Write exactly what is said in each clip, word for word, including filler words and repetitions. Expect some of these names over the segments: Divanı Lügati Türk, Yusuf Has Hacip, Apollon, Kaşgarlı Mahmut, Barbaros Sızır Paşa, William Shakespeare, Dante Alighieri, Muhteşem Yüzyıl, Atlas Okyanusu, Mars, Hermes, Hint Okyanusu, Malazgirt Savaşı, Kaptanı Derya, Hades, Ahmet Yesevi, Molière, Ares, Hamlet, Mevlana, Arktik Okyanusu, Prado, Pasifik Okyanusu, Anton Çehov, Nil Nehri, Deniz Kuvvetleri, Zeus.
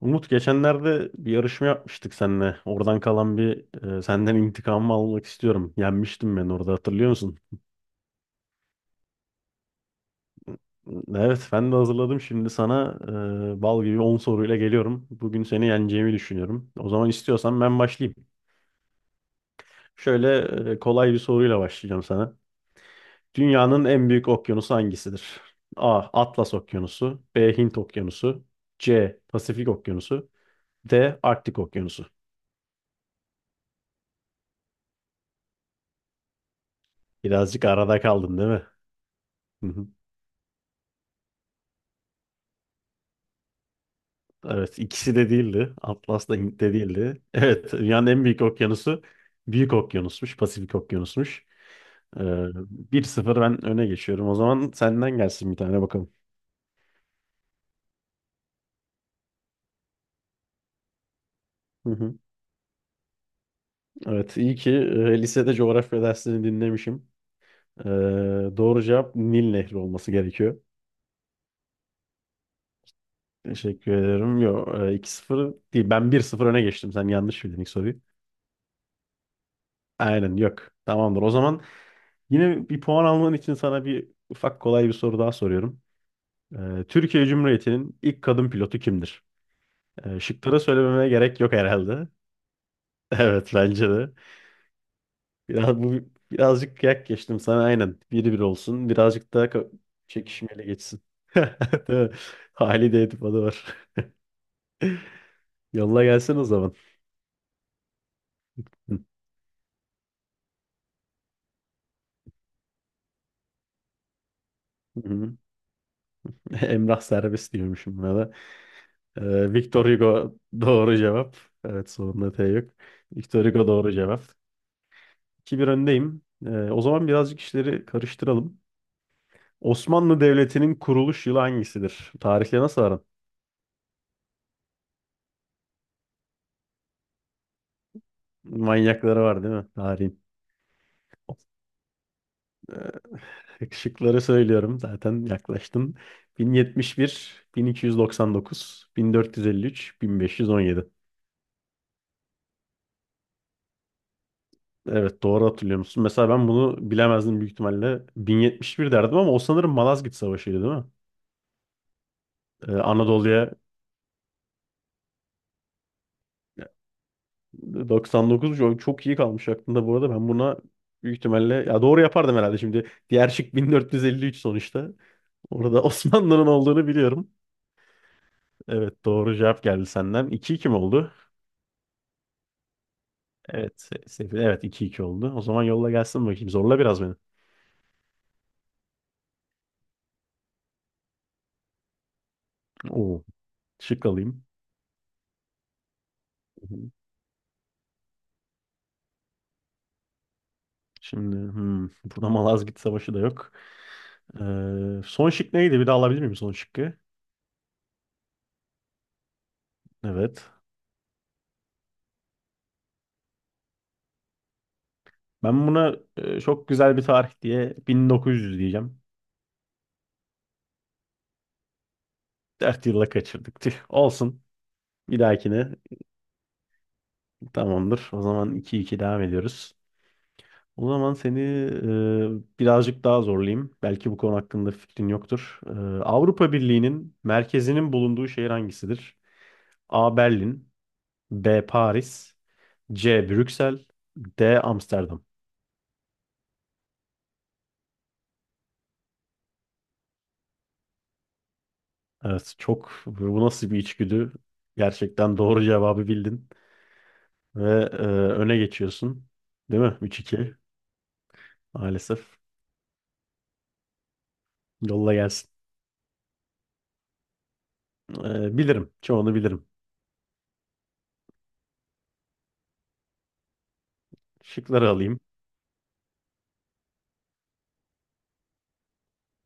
Umut geçenlerde bir yarışma yapmıştık seninle. Oradan kalan bir e, senden intikamımı almak istiyorum. Yenmiştim ben orada hatırlıyor musun? Evet ben de hazırladım. Şimdi sana e, bal gibi on soruyla geliyorum. Bugün seni yeneceğimi düşünüyorum. O zaman istiyorsan ben başlayayım. Şöyle e, kolay bir soruyla başlayacağım sana. Dünyanın en büyük okyanusu hangisidir? A. Atlas Okyanusu, B. Hint Okyanusu, C. Pasifik Okyanusu, D. Arktik Okyanusu. Birazcık arada kaldın değil mi? Evet, ikisi de değildi. Atlas da Hint de değildi. Evet, dünyanın en büyük okyanusu Büyük Okyanusmuş, Pasifik Okyanusmuş. Ee, bir sıfır ben öne geçiyorum. O zaman senden gelsin bir tane bakalım. Hı hı. Evet, iyi ki e, lisede coğrafya dersini dinlemişim. Ee, doğru cevap Nil Nehri olması gerekiyor. Teşekkür ederim. Yok, e, iki sıfır değil. Ben bir sıfır öne geçtim. Sen yanlış bildin ilk soruyu. Aynen, yok. Tamamdır. O zaman yine bir puan alman için sana bir ufak kolay bir soru daha soruyorum. Ee, Türkiye Cumhuriyeti'nin ilk kadın pilotu kimdir? Ee, şıkları söylememe gerek yok herhalde. Evet bence de. Biraz, bu, birazcık kıyak geçtim sana aynen. Biri bir olsun. Birazcık daha ka- çekişmeli geçsin. Değil mi? Halide Edip adı var. Yolla gelsin o zaman. Hı hı. hı. Emrah Serbest diyormuşum buna da. Ee, Victor Hugo doğru cevap. Evet sonunda T yok. Victor Hugo doğru cevap. 2 bir öndeyim. Ee, o zaman birazcık işleri karıştıralım. Osmanlı Devleti'nin kuruluş yılı hangisidir? Tarihle nasıl aran? Manyakları var değil mi? Tarihin. Ee, Şıkları söylüyorum zaten yaklaştın. bin yetmiş bir, bin iki yüz doksan dokuz, bin dört yüz elli üç, bin beş yüz on yedi. Evet doğru hatırlıyor musun? Mesela ben bunu bilemezdim büyük ihtimalle. bin yetmiş bir derdim ama o sanırım Malazgirt Savaşı'ydı değil mi? Ee, Anadolu'ya doksan dokuz çok çok iyi kalmış aklımda bu arada. Ben buna büyük ihtimalle ya doğru yapardım herhalde şimdi. Diğer şık bin dört yüz elli üç sonuçta. Burada Osmanlı'nın olduğunu biliyorum. Evet doğru cevap geldi senden. 2 iki mi oldu? Evet. Sefil, evet iki iki oldu. O zaman yolla gelsin bakayım. Zorla biraz beni. Oo, şık alayım. Hı hı. Şimdi hmm, burada Malazgirt Savaşı da yok. Ee, son şık neydi? Bir daha alabilir miyim son şıkkı? Evet. Ben buna e, çok güzel bir tarih diye bin dokuz yüz diyeceğim. Dört yılla kaçırdık. Tüh, olsun. Bir dahakine tamamdır. O zaman iki iki devam ediyoruz. O zaman seni e, birazcık daha zorlayayım. Belki bu konu hakkında fikrin yoktur. E, Avrupa Birliği'nin merkezinin bulunduğu şehir hangisidir? A. Berlin, B. Paris, C. Brüksel, D. Amsterdam. Evet çok bu nasıl bir içgüdü? Gerçekten doğru cevabı bildin. Ve e, öne geçiyorsun. Değil mi? Üç iki. Maalesef. Yolla gelsin. E, bilirim. Çoğunu bilirim. Şıkları alayım.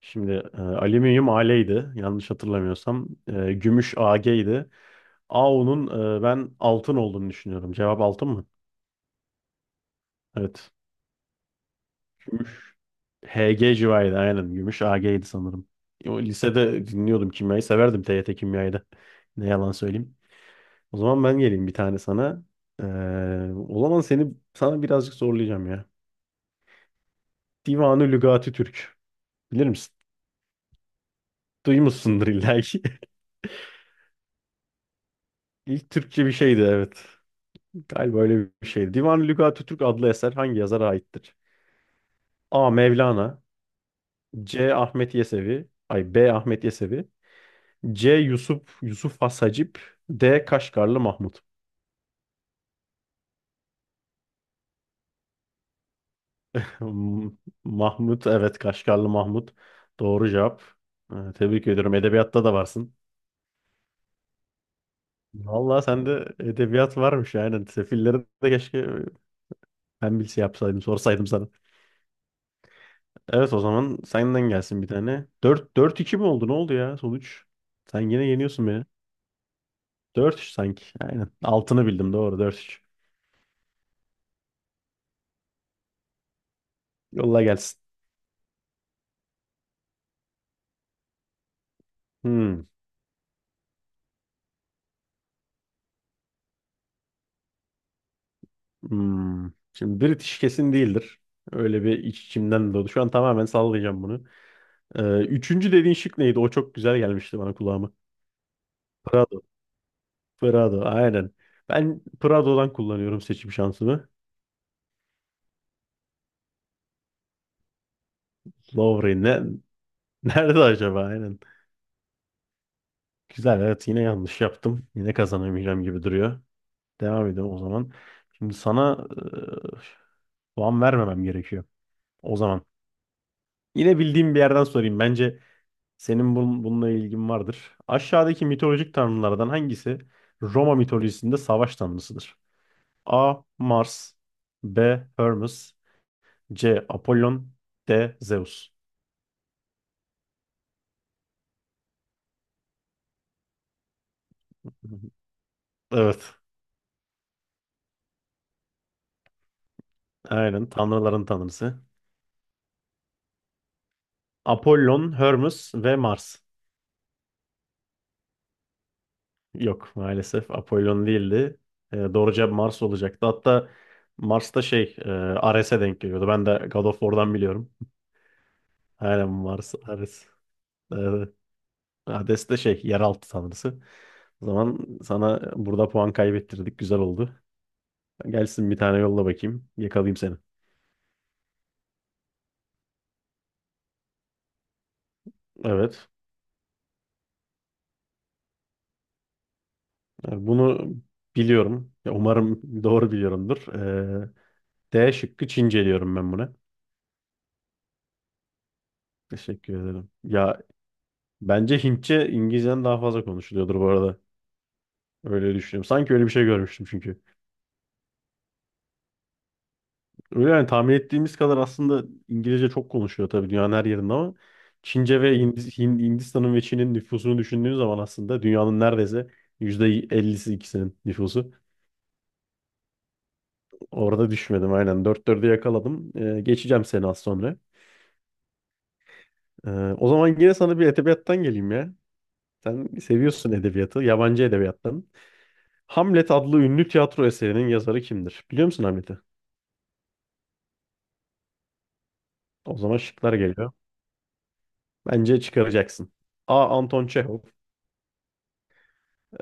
Şimdi e, alüminyum A L'ydi yanlış hatırlamıyorsam. E, gümüş A G'ydi. Au'nun e, ben altın olduğunu düşünüyorum. Cevap altın mı? Evet. Gümüş H G civarıydı aynen. Gümüş A G'ydi sanırım. O, lisede dinliyordum kimyayı. Severdim T Y T kimyayı da. Ne yalan söyleyeyim. O zaman ben geleyim bir tane sana. E, o zaman seni sana birazcık zorlayacağım ya. Divanı Lügati Türk. Bilir misin? Duymuşsundur illa ki. İlk Türkçe bir şeydi evet. Galiba öyle bir şey. Divan-ı Lügat-ı Türk adlı eser hangi yazara aittir? A. Mevlana, C. Ahmet Yesevi Ay, B. Ahmet Yesevi, C. Yusuf Yusuf Has Hacip, D. Kaşgarlı Mahmut. M- Mahmut evet Kaşgarlı Mahmut. Doğru cevap. Ee, Tebrik ediyorum. Edebiyatta da varsın. Vallahi sende edebiyat varmış yani. Sefilleri de keşke e, ben bilse yapsaydım, sorsaydım sana. Evet o zaman senden gelsin bir tane. Dört dört iki mi oldu? Ne oldu ya sonuç? Sen yine yeniyorsun beni. Dört üç sanki. Aynen. Altını bildim doğru dört üç. Yolla gelsin. Hmm. Hmm. Şimdi British kesin değildir. Öyle bir iç içimden doğdu. Şu an tamamen sallayacağım bunu. Ee, üçüncü dediğin şık neydi? O çok güzel gelmişti bana kulağıma. Prado. Prado aynen. Ben Prado'dan kullanıyorum seçim şansımı. Lowry ne? Nerede acaba? Aynen. Güzel evet yine yanlış yaptım. Yine kazanamayacağım gibi duruyor. Devam edelim o zaman. Şimdi sana e, puan vermemem gerekiyor. O zaman. Yine bildiğim bir yerden sorayım. Bence senin bun- bununla ilgin vardır. Aşağıdaki mitolojik tanrılardan hangisi Roma mitolojisinde savaş tanrısıdır? A. Mars, B. Hermes, C. Apollon, D. Zeus. Evet. Aynen. Tanrıların tanrısı. Apollon, Hermes ve Mars. Yok maalesef Apollon değildi. E, doğru cevap Mars olacaktı. Hatta Mars'ta şey e, Ares'e denk geliyordu. Ben de God of War'dan biliyorum. Aynen Mars, Ares. Evet. Hades de şey yeraltı tanrısı. O zaman sana burada puan kaybettirdik. Güzel oldu. Gelsin bir tane yolla bakayım. Yakalayayım seni. Evet. Yani bunu biliyorum. Ya umarım doğru biliyorumdur. Ee, D şıkkı Çince diyorum ben buna. Teşekkür ederim. Ya bence Hintçe İngilizceden daha fazla konuşuluyordur bu arada. Öyle düşünüyorum. Sanki öyle bir şey görmüştüm çünkü. Öyle yani tahmin ettiğimiz kadar aslında İngilizce çok konuşuyor tabii dünyanın her yerinde ama Çince ve Hindi- Hin- Hindistan'ın ve Çin'in nüfusunu düşündüğün zaman aslında dünyanın neredeyse yüzde ellisi ikisinin nüfusu. Orada düşmedim aynen. Dört dörde yakaladım. Ee, geçeceğim seni az sonra. Ee, o zaman yine sana bir edebiyattan geleyim ya. Sen seviyorsun edebiyatı, yabancı edebiyattan. Hamlet adlı ünlü tiyatro eserinin yazarı kimdir? Biliyor musun Hamlet'i? O zaman şıklar geliyor. Bence çıkaracaksın. A. Anton Çehov.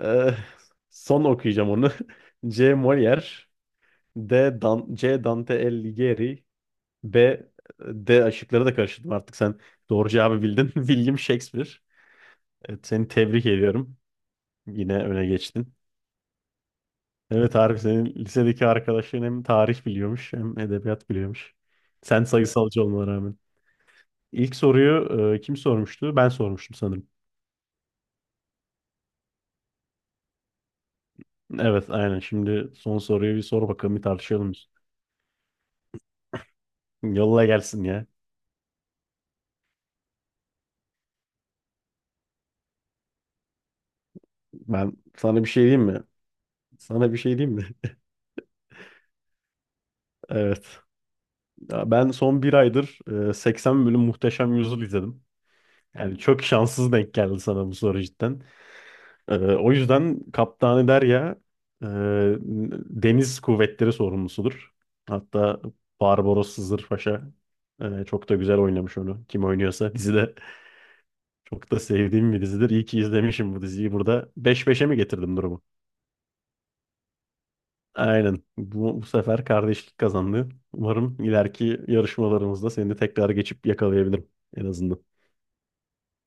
Ee, son okuyacağım onu. C. Molière, D. Dan C. Dante Alighieri, B. D. Işıkları da karıştırdım artık. Sen doğru cevabı bildin. William Shakespeare. Evet, seni tebrik ediyorum. Yine öne geçtin. Evet Arif senin lisedeki arkadaşların hem tarih biliyormuş hem edebiyat biliyormuş. Sen sayısalcı olmana rağmen. İlk soruyu e, kim sormuştu? Ben sormuştum sanırım. Evet aynen. Şimdi son soruyu bir sor bakalım bir tartışalım biz. Yolla gelsin ya. Ben sana bir şey diyeyim mi? Sana bir şey diyeyim mi? Evet. Ya ben son bir aydır e, seksen bölüm Muhteşem Yüzyıl izledim. Yani çok şanssız denk geldi sana bu soru cidden. E, O yüzden Kaptanı Derya e, Deniz Kuvvetleri sorumlusudur. Hatta Barbaros Sızır Paşa e, çok da güzel oynamış onu. Kim oynuyorsa dizide çok da sevdiğim bir dizidir. İyi ki izlemişim bu diziyi. Burada Beş beşe mi getirdim durumu? Aynen. Bu, bu sefer kardeşlik kazandı. Umarım ileriki yarışmalarımızda seni de tekrar geçip yakalayabilirim en azından.